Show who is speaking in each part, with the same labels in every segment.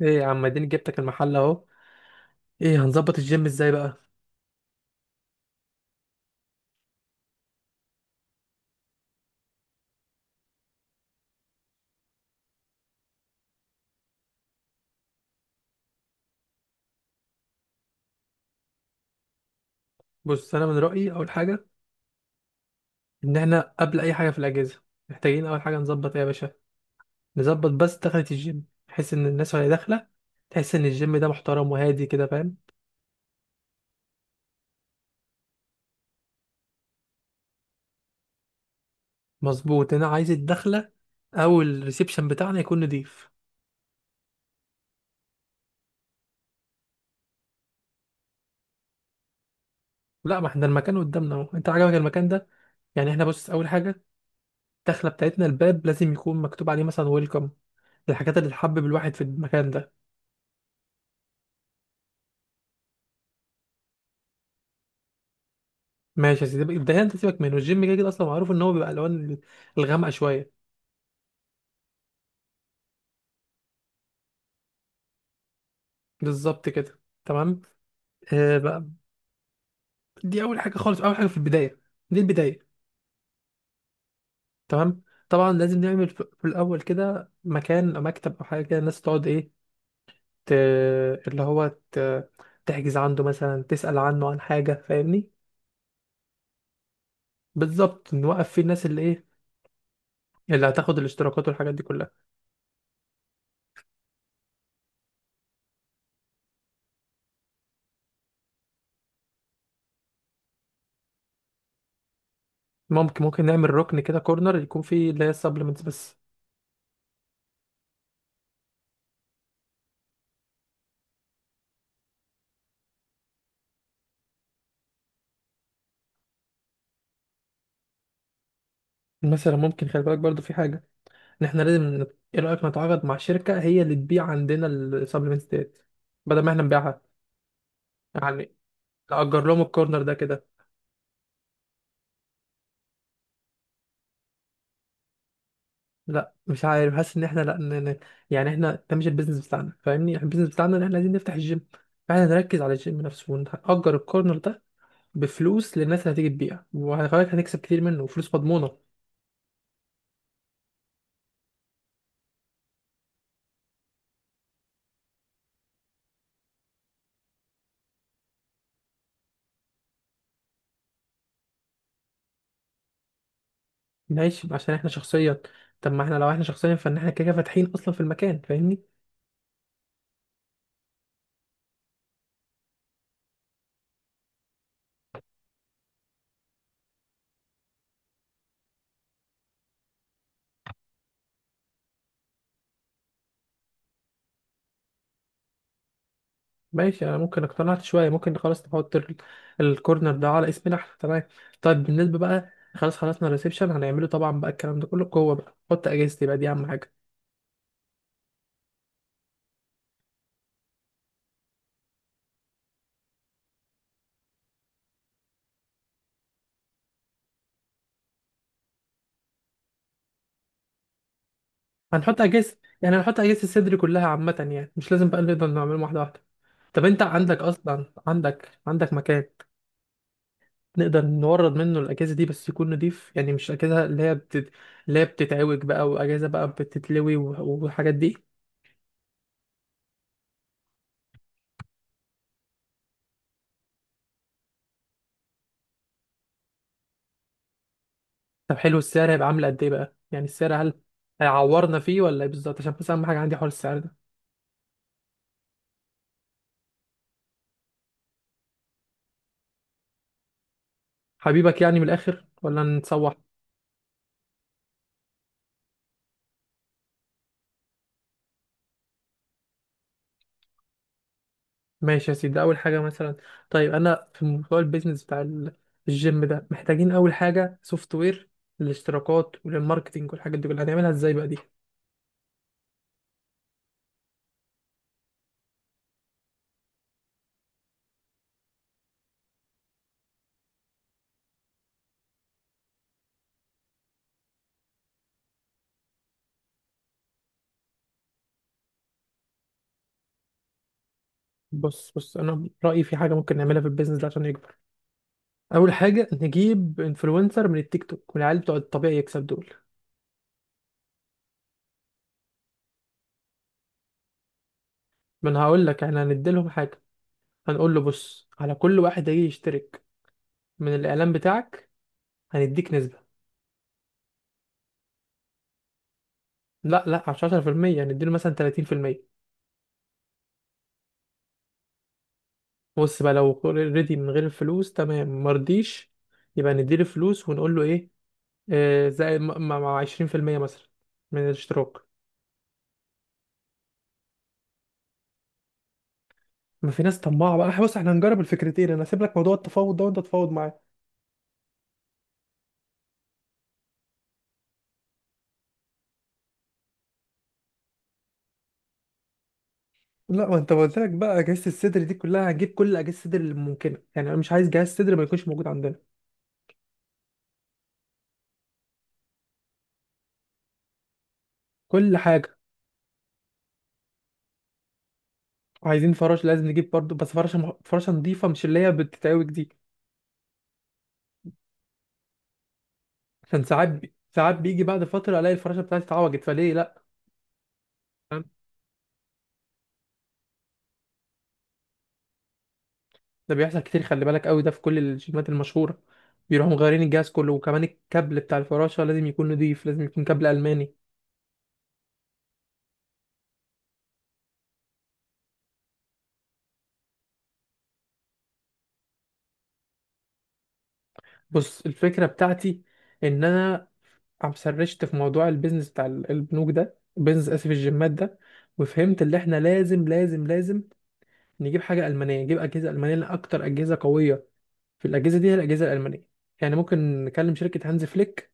Speaker 1: ايه يا عم، اديني جبتك المحل اهو. ايه، هنظبط الجيم ازاي بقى؟ بص انا من رايي اول حاجه ان احنا قبل اي حاجه في الاجهزه محتاجين اول حاجه نظبط ايه يا باشا. نظبط بس دخلة الجيم بحيث ان الناس وهي داخله تحس ان الجيم ده محترم وهادي كده، فاهم؟ مظبوط، انا عايز الدخله او الريسبشن بتاعنا يكون نضيف. لا، ما احنا المكان قدامنا اهو، انت عجبك المكان ده؟ يعني احنا بص، اول حاجه الدخله بتاعتنا، الباب لازم يكون مكتوب عليه مثلا ويلكم، الحاجات اللي تحبب الواحد في المكان ده. ماشي يا سيدي، الدهان انت سيبك منه، الجيم كده كده اصلا معروف ان هو بيبقى الوان الغامقه شويه. بالظبط كده تمام. آه بقى، دي اول حاجه خالص، اول حاجه في البدايه، دي البدايه. تمام. طبعا لازم نعمل في الاول كده مكان أو مكتب او حاجه كده الناس تقعد ايه، ت... اللي هو تحجز عنده، مثلا تسال عنه عن حاجه، فاهمني؟ بالظبط، نوقف فيه الناس اللي ايه، اللي هتاخد الاشتراكات والحاجات دي كلها. ممكن نعمل ركن كده، كورنر يكون فيه اللي هي السبلمنتس بس. مثلا ممكن، خلي بالك برضو في حاجه، ان احنا لازم ايه رايك نتعاقد مع شركه هي اللي تبيع عندنا السبلمنتس ديت بدل ما احنا نبيعها؟ يعني نأجر لهم الكورنر ده كده. لا، مش عارف، حاسس ان احنا لا ن... ن- يعني احنا ده مش البيزنس بتاعنا، فاهمني؟ إحنا البيزنس بتاعنا ان احنا عايزين نفتح الجيم، فاحنا نركز على الجيم نفسه ونأجر الكورنر ده بفلوس للناس اللي هتيجي تبيع، وهنخليك هنكسب كتير منه وفلوس مضمونه. ماشي، عشان احنا شخصيا؟ طب ما احنا لو احنا شخصيا فان احنا كده كده فاتحين اصلا في المكان، فاهمني؟ ماشي، انا ممكن اقتنعت شويه، ممكن خلاص نحط الكورنر ده على اسمنا احنا، تمام. طيب بالنسبه بقى، خلاص خلصنا الريسبشن هنعمله طبعا بقى، الكلام ده كله جوه بقى. نحط اجهزتي بقى، دي اهم حاجه. هنحط اجهزه، يعني هنحط اجهزه الصدر كلها عامه، يعني مش لازم بقى نقدر نعمله واحده واحده. طب انت عندك اصلا، عندك مكان نقدر نورد منه الاجهزه دي، بس يكون نضيف يعني، مش اجهزه اللي هي اللي هي بتتعوج بقى واجهزه بقى بتتلوي والحاجات دي. طب حلو، السعر هيبقى عامل قد ايه بقى؟ يعني السعر هل هيعورنا فيه ولا ايه بالظبط؟ عشان بس اهم حاجه عندي حوار السعر ده. حبيبك يعني من الاخر، ولا نتسوح؟ ماشي يا سيدي، ده اول حاجه مثلا. طيب انا في موضوع البيزنس بتاع الجيم ده، محتاجين اول حاجه سوفت وير للاشتراكات وللماركتينج والحاجات دي كلها، هنعملها ازاي بقى دي؟ بص انا رايي في حاجه ممكن نعملها في البيزنس ده عشان يكبر. اول حاجه نجيب انفلونسر من التيك توك، من العيال بتوع الطبيعي يكسب دول. ما انا هقول لك، احنا هنديلهم حاجه. هنقول له بص، على كل واحد هيجي يشترك من الاعلان بتاعك هنديك نسبه. لا لا، مش 10%، هنديله مثلا 30%. بص بقى، لو ريدي من غير الفلوس تمام، مرضيش، يبقى نديله فلوس، ونقول له ايه، آه زي مع 20% مثلا من الاشتراك. ما في ناس طماعه بقى، إحنا بص احنا هنجرب الفكرتين، انا هسيب لك موضوع التفاوض ده وانت تتفاوض معايا. لا، ما انت قلت لك بقى اجهزه الصدر دي كلها هنجيب، كل اجهزه الصدر اللي ممكنه، يعني انا مش عايز جهاز صدر ما يكونش موجود عندنا. كل حاجه. عايزين فراش لازم نجيب برضو، بس فراشه فراشه نظيفه، مش اللي هي بتتعوج دي. عشان ساعات ساعات بيجي بعد فتره الاقي الفراشه بتاعتي اتعوجت، فليه؟ لا. فاهم؟ ده بيحصل كتير، خلي بالك قوي، ده في كل الجيمات المشهوره بيروحوا مغيرين الجهاز كله. وكمان الكابل بتاع الفراشه لازم يكون نضيف، لازم يكون كابل الماني. بص الفكره بتاعتي ان انا عم سرشت في موضوع البيزنس بتاع البنوك ده، البيزنس اسف الجيمات ده، وفهمت اللي احنا لازم لازم لازم نجيب حاجه المانيه، نجيب اجهزه المانيه، لان اكتر اجهزه قويه في الاجهزه دي هي الاجهزه الالمانيه. يعني ممكن نكلم شركه هانز فليك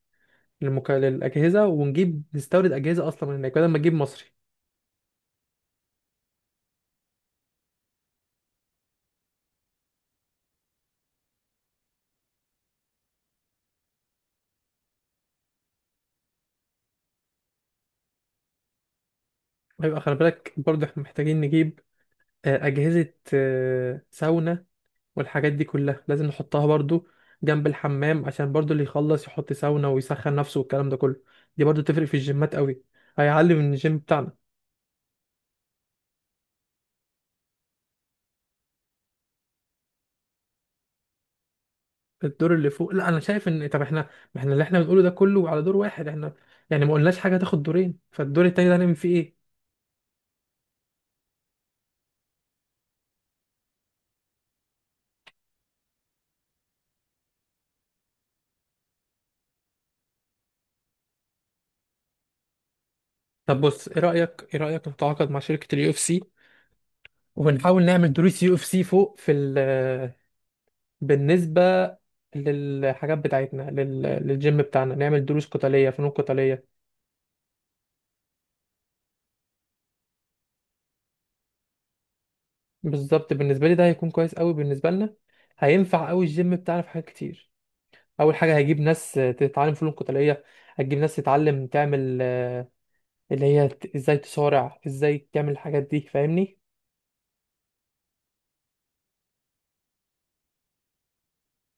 Speaker 1: للأجهزة، ونجيب نستورد أجهزة أصلا من هناك بدل ما نجيب مصري. ويبقى خلي بالك برضه، احنا محتاجين نجيب أجهزة ساونا والحاجات دي كلها، لازم نحطها برضه جنب الحمام، عشان برضه اللي يخلص يحط ساونا ويسخن نفسه والكلام ده كله. دي برضه تفرق في الجيمات قوي، هيعلي من الجيم بتاعنا. الدور اللي فوق، لا انا شايف ان، طب احنا ما احنا اللي احنا بنقوله ده كله على دور واحد احنا، يعني ما قلناش حاجه هتاخد دورين، فالدور التاني ده هنعمل فيه ايه؟ طب بص، ايه رايك، ايه رايك نتعاقد مع شركه اليو اف سي، وبنحاول نعمل دروس يو اف سي فوق في ال، بالنسبة للحاجات بتاعتنا، للجيم بتاعنا، نعمل دروس قتالية، فنون قتالية. بالظبط، بالنسبة لي ده هيكون كويس قوي، بالنسبة لنا هينفع قوي الجيم بتاعنا في حاجات كتير. أول حاجة هيجيب ناس تتعلم فنون قتالية، هتجيب ناس تتعلم تعمل، اللي هي ازاي تصارع، ازاي تعمل الحاجات دي، فاهمني؟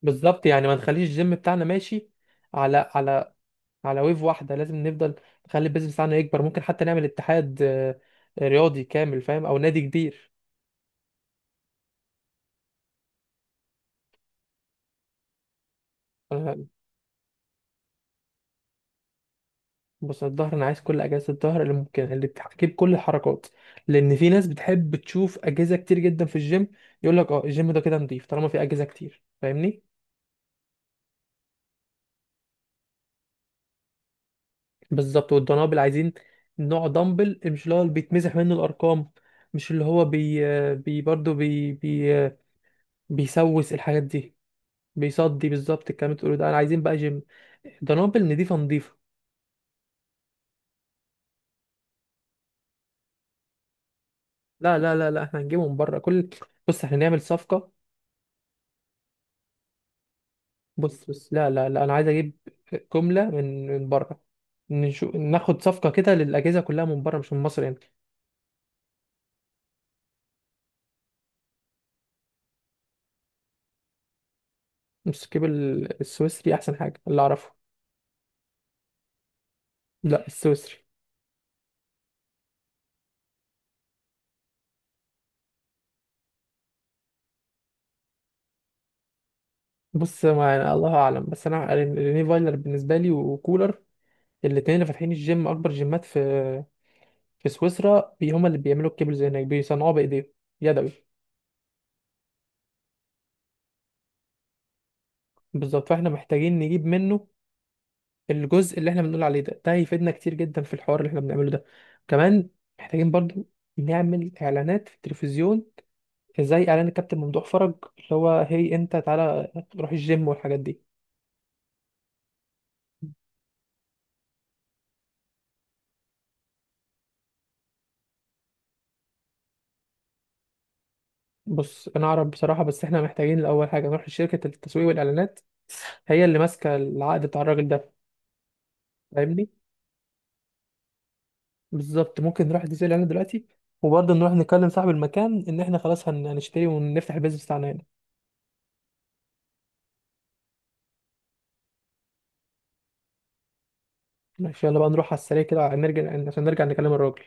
Speaker 1: بالظبط، يعني ما نخليش الجيم بتاعنا ماشي على على ويف واحدة، لازم نفضل نخلي البيزنس بتاعنا يكبر، ممكن حتى نعمل اتحاد رياضي كامل، فاهم، أو نادي كبير. أنا- بص الظهر، أنا عايز كل أجهزة الظهر اللي ممكن، اللي بتجيب كل الحركات، لأن في ناس بتحب تشوف أجهزة كتير جدا في الجيم، يقول لك أه الجيم ده كده نضيف، طالما في أجهزة كتير، فاهمني؟ بالظبط، والدنابل عايزين نوع دمبل مش اللي هو اللي بيتمسح منه الأرقام، مش اللي هو بي بي برضه بي بي بيسوس، الحاجات دي بيصدي. بالظبط الكلام اللي بتقوله ده، انا عايزين بقى جيم، دنابل نضيفه نضيفه. لا لا لا لا، احنا هنجيبه من بره كل، بص احنا نعمل صفقة. بص بص، لا لا لا، انا عايز اجيب جملة من بره، نشوف ناخد صفقة كده للأجهزة كلها من بره، مش من مصر يعني. بس نجيب السويسري أحسن حاجة اللي أعرفه. لا، السويسري. بص ما يعني الله أعلم، بس أنا ريني فايلر بالنسبة لي، وكولر، الاتنين اللي فاتحين الجيم أكبر جيمات في في سويسرا، هما اللي بيعملوا الكيبلز هناك، بيصنعوها بإيديهم يدوي. بالظبط، فاحنا محتاجين نجيب منه الجزء اللي احنا بنقول عليه ده، ده هيفيدنا كتير جدا في الحوار اللي احنا بنعمله ده. كمان محتاجين برضو نعمل اعلانات في التلفزيون، زي اعلان الكابتن ممدوح فرج اللي هو، هي انت تعالى روح الجيم، والحاجات دي. بص انا اعرف بصراحة، بس احنا محتاجين الاول حاجة نروح لشركة التسويق والاعلانات، هي اللي ماسكة العقد بتاع الراجل ده، فاهمني؟ بالظبط، ممكن نروح لتسويق الاعلانات دلوقتي، وبرضه نروح نكلم صاحب المكان ان احنا خلاص هنشتري ونفتح البيزنس بتاعنا هنا. ماشي، يلا بقى نروح على السريع كده، نرجع عشان نرجع نكلم الراجل.